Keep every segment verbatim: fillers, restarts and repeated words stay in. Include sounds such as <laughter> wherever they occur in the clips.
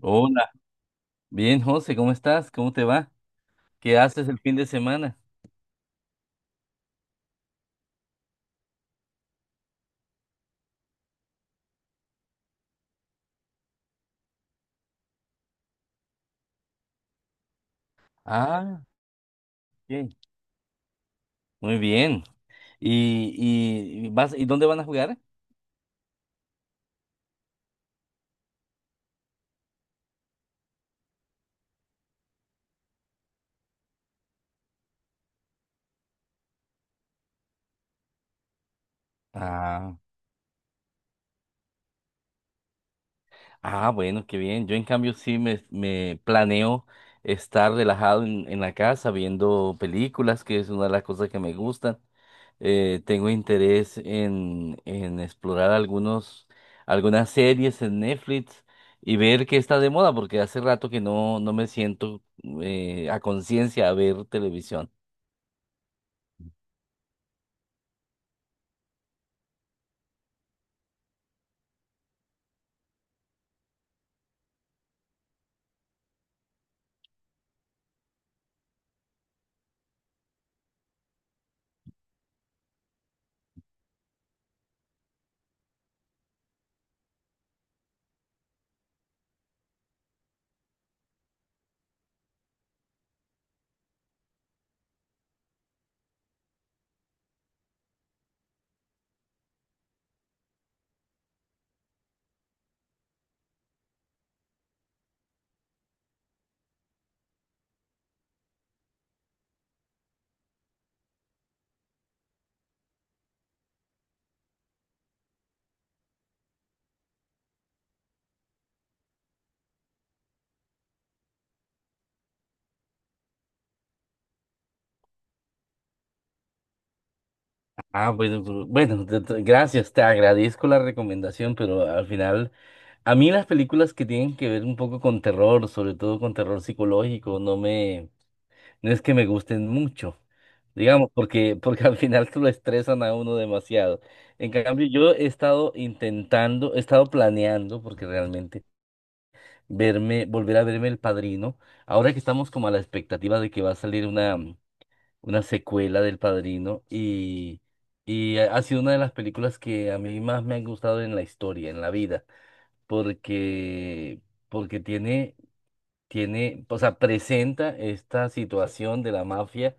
Hola, bien, José, ¿cómo estás? ¿Cómo te va? ¿Qué haces el fin de semana? Ah, bien. Muy bien. ¿Y, y, y vas, ¿y dónde van a jugar? Ah, ah, bueno, qué bien. Yo en cambio sí me, me planeo estar relajado en, en la casa viendo películas, que es una de las cosas que me gustan. Eh, tengo interés en, en explorar algunos, algunas series en Netflix y ver qué está de moda, porque hace rato que no, no me siento eh, a conciencia a ver televisión. Ah, bueno, bu- bueno, te- te- gracias, te agradezco la recomendación, pero al final, a mí las películas que tienen que ver un poco con terror, sobre todo con terror psicológico, no me, no es que me gusten mucho, digamos, porque, porque al final <laughs> se lo estresan a uno demasiado. En cambio, yo he estado intentando, he estado planeando, porque realmente verme, volver a verme El Padrino, ahora que estamos como a la expectativa de que va a salir una, una secuela del Padrino, y, y ha ha sido una de las películas que a mí más me han gustado en la historia, en la vida, porque, porque tiene tiene, o sea, presenta esta situación de la mafia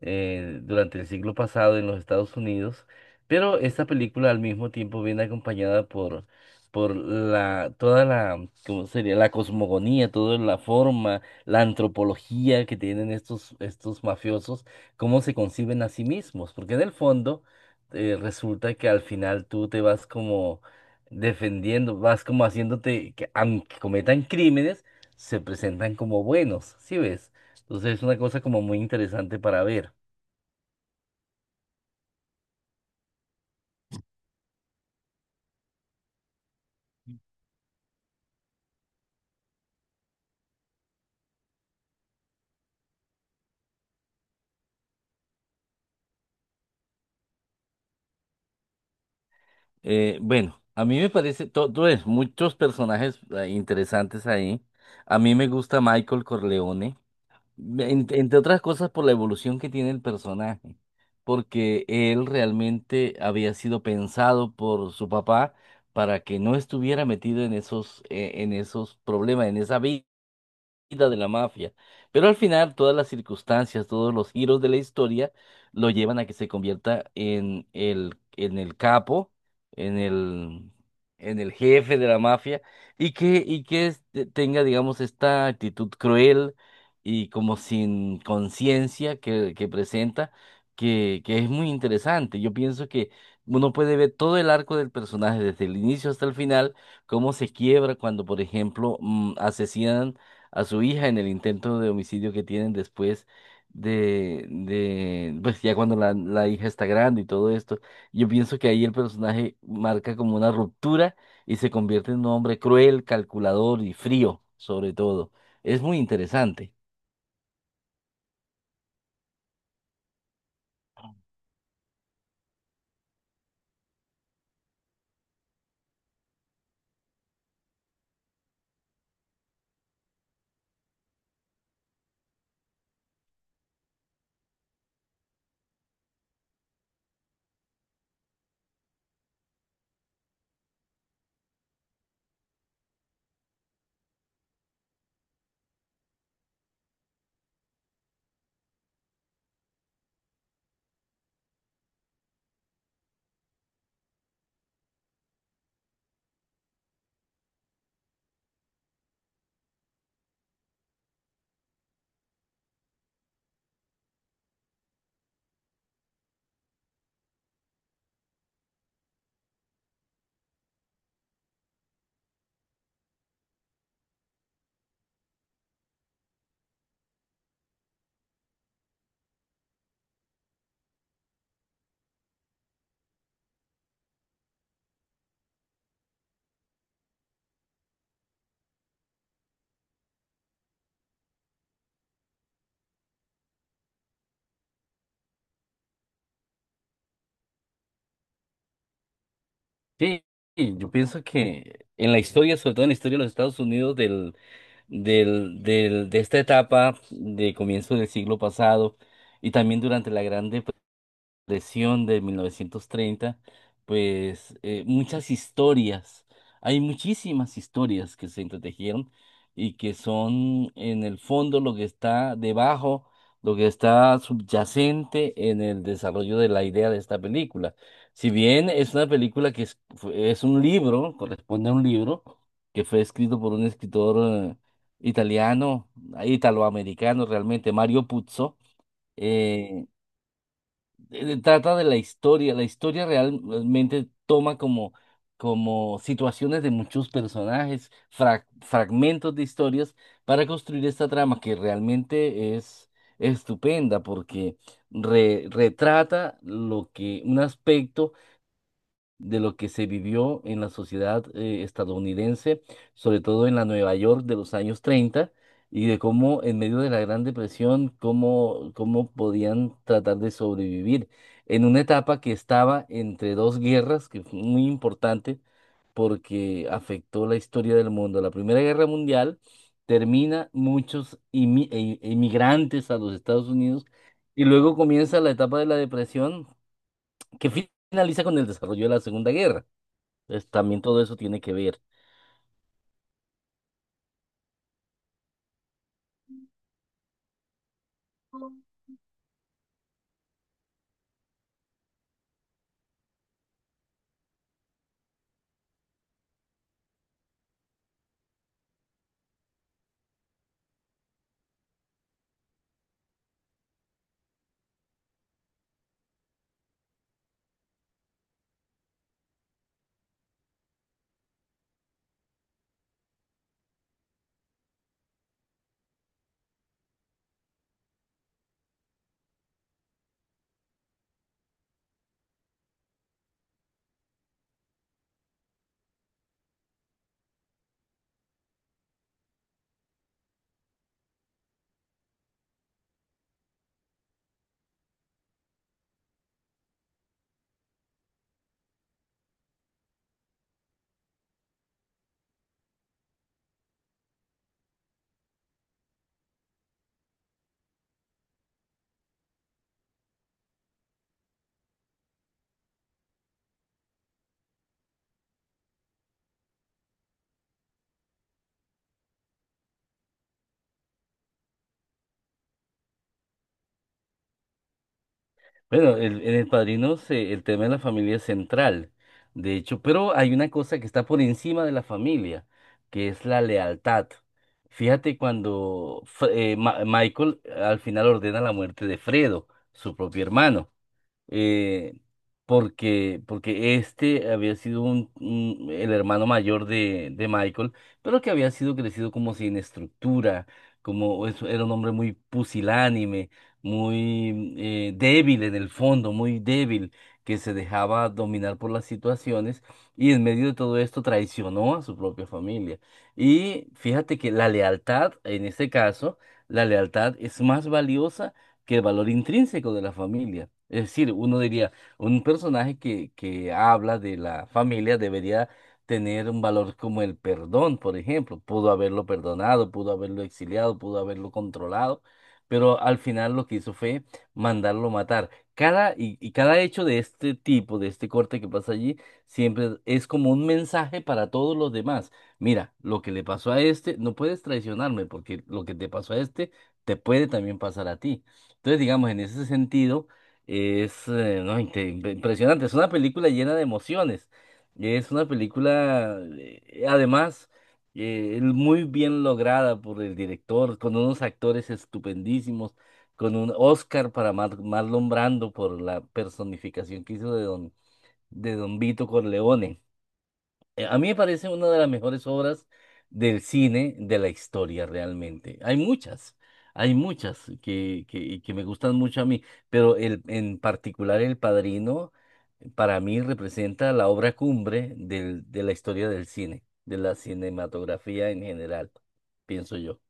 eh, durante el siglo pasado en los Estados Unidos, pero esta película al mismo tiempo viene acompañada por, por la, toda la, ¿cómo sería? La cosmogonía, toda la forma, la antropología que tienen estos, estos mafiosos, cómo se conciben a sí mismos, porque en el fondo eh, resulta que al final tú te vas como defendiendo, vas como haciéndote que aunque cometan crímenes, se presentan como buenos, ¿sí ves? Entonces es una cosa como muy interesante para ver. Eh, bueno, a mí me parece, todo es, muchos personajes eh, interesantes ahí. A mí me gusta Michael Corleone, en- entre otras cosas por la evolución que tiene el personaje, porque él realmente había sido pensado por su papá para que no estuviera metido en esos, eh, en esos problemas, en esa vida. Vida de la mafia. Pero al final, todas las circunstancias, todos los giros de la historia lo llevan a que se convierta en el, en el capo, en el, en el jefe de la mafia, y que, y que este- tenga, digamos, esta actitud cruel y como sin conciencia que, que presenta, que, que es muy interesante. Yo pienso que uno puede ver todo el arco del personaje, desde el inicio hasta el final, cómo se quiebra cuando, por ejemplo, mm, asesinan a su hija en el intento de homicidio que tienen después de, de pues ya cuando la, la hija está grande y todo esto. Yo pienso que ahí el personaje marca como una ruptura y se convierte en un hombre cruel, calculador y frío, sobre todo. Es muy interesante. Sí, sí, yo pienso que en la historia, sobre todo en la historia de los Estados Unidos del, del, del, de esta etapa de comienzo del siglo pasado y también durante la Gran Depresión, depresión de mil novecientos treinta, pues eh, muchas historias, hay muchísimas historias que se entretejieron y que son en el fondo lo que está debajo, lo que está subyacente en el desarrollo de la idea de esta película. Si bien es una película que es, fue- es un libro, corresponde a un libro que fue escrito por un escritor eh, italiano, italoamericano realmente, Mario Puzo. eh, eh, Trata de la historia. La historia realmente toma como, como situaciones de muchos personajes, fra- fragmentos de historias para construir esta trama que realmente es estupenda porque re- retrata lo que un aspecto de lo que se vivió en la sociedad eh, estadounidense, sobre todo en la Nueva York de los años treinta y de cómo en medio de la Gran Depresión, cómo, cómo podían tratar de sobrevivir en una etapa que estaba entre dos guerras, que fue muy importante porque afectó la historia del mundo. La Primera Guerra Mundial termina muchos imi- e- emigrantes a los Estados Unidos y luego comienza la etapa de la depresión que finaliza con el desarrollo de la Segunda Guerra. Pues también todo eso tiene que ver. Bueno, el- en El Padrino se- el tema de la familia es central, de hecho, pero hay una cosa que está por encima de la familia, que es la lealtad. Fíjate cuando F- eh, Ma- Michael al final ordena la muerte de Fredo, su propio hermano. eh, Porque, porque este había sido un, un- el hermano mayor de, de Michael, pero que había sido crecido como sin estructura, como es- era un hombre muy pusilánime, muy eh, débil en el fondo, muy débil, que se dejaba dominar por las situaciones y en medio de todo esto traicionó a su propia familia. Y fíjate que la lealtad, en este caso, la lealtad es más valiosa que el valor intrínseco de la familia. Es decir, uno diría, un personaje que, que habla de la familia debería tener un valor como el perdón, por ejemplo. Pudo haberlo perdonado, pudo haberlo exiliado, pudo haberlo controlado, pero al final lo que hizo fue mandarlo matar. Cada, y, y cada hecho de este tipo, de este corte que pasa allí, siempre es como un mensaje para todos los demás. Mira, lo que le pasó a este, no puedes traicionarme porque lo que te pasó a este te puede también pasar a ti. Entonces, digamos, en ese sentido, es eh, no, inte- impresionante. Es una película llena de emociones. Es una película, eh, además, eh, muy bien lograda por el director, con unos actores estupendísimos, con un Oscar para Mar- Marlon Brando por la personificación que hizo de Don, de Don Vito Corleone. Eh, A mí me parece una de las mejores obras del cine de la historia, realmente. Hay muchas, hay muchas que, que, y que me gustan mucho a mí, pero el, en particular El Padrino, para mí representa la obra cumbre del, de la historia del cine, de la cinematografía en general, pienso yo.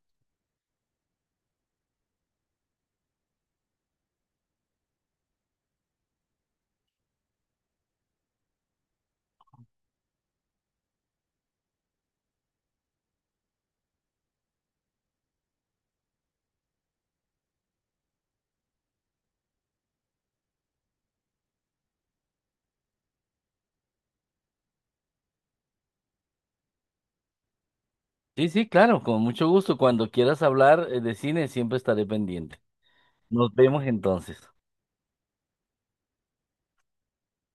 Sí, sí, claro, con mucho gusto. Cuando quieras hablar eh, de cine, siempre estaré pendiente. Nos vemos entonces.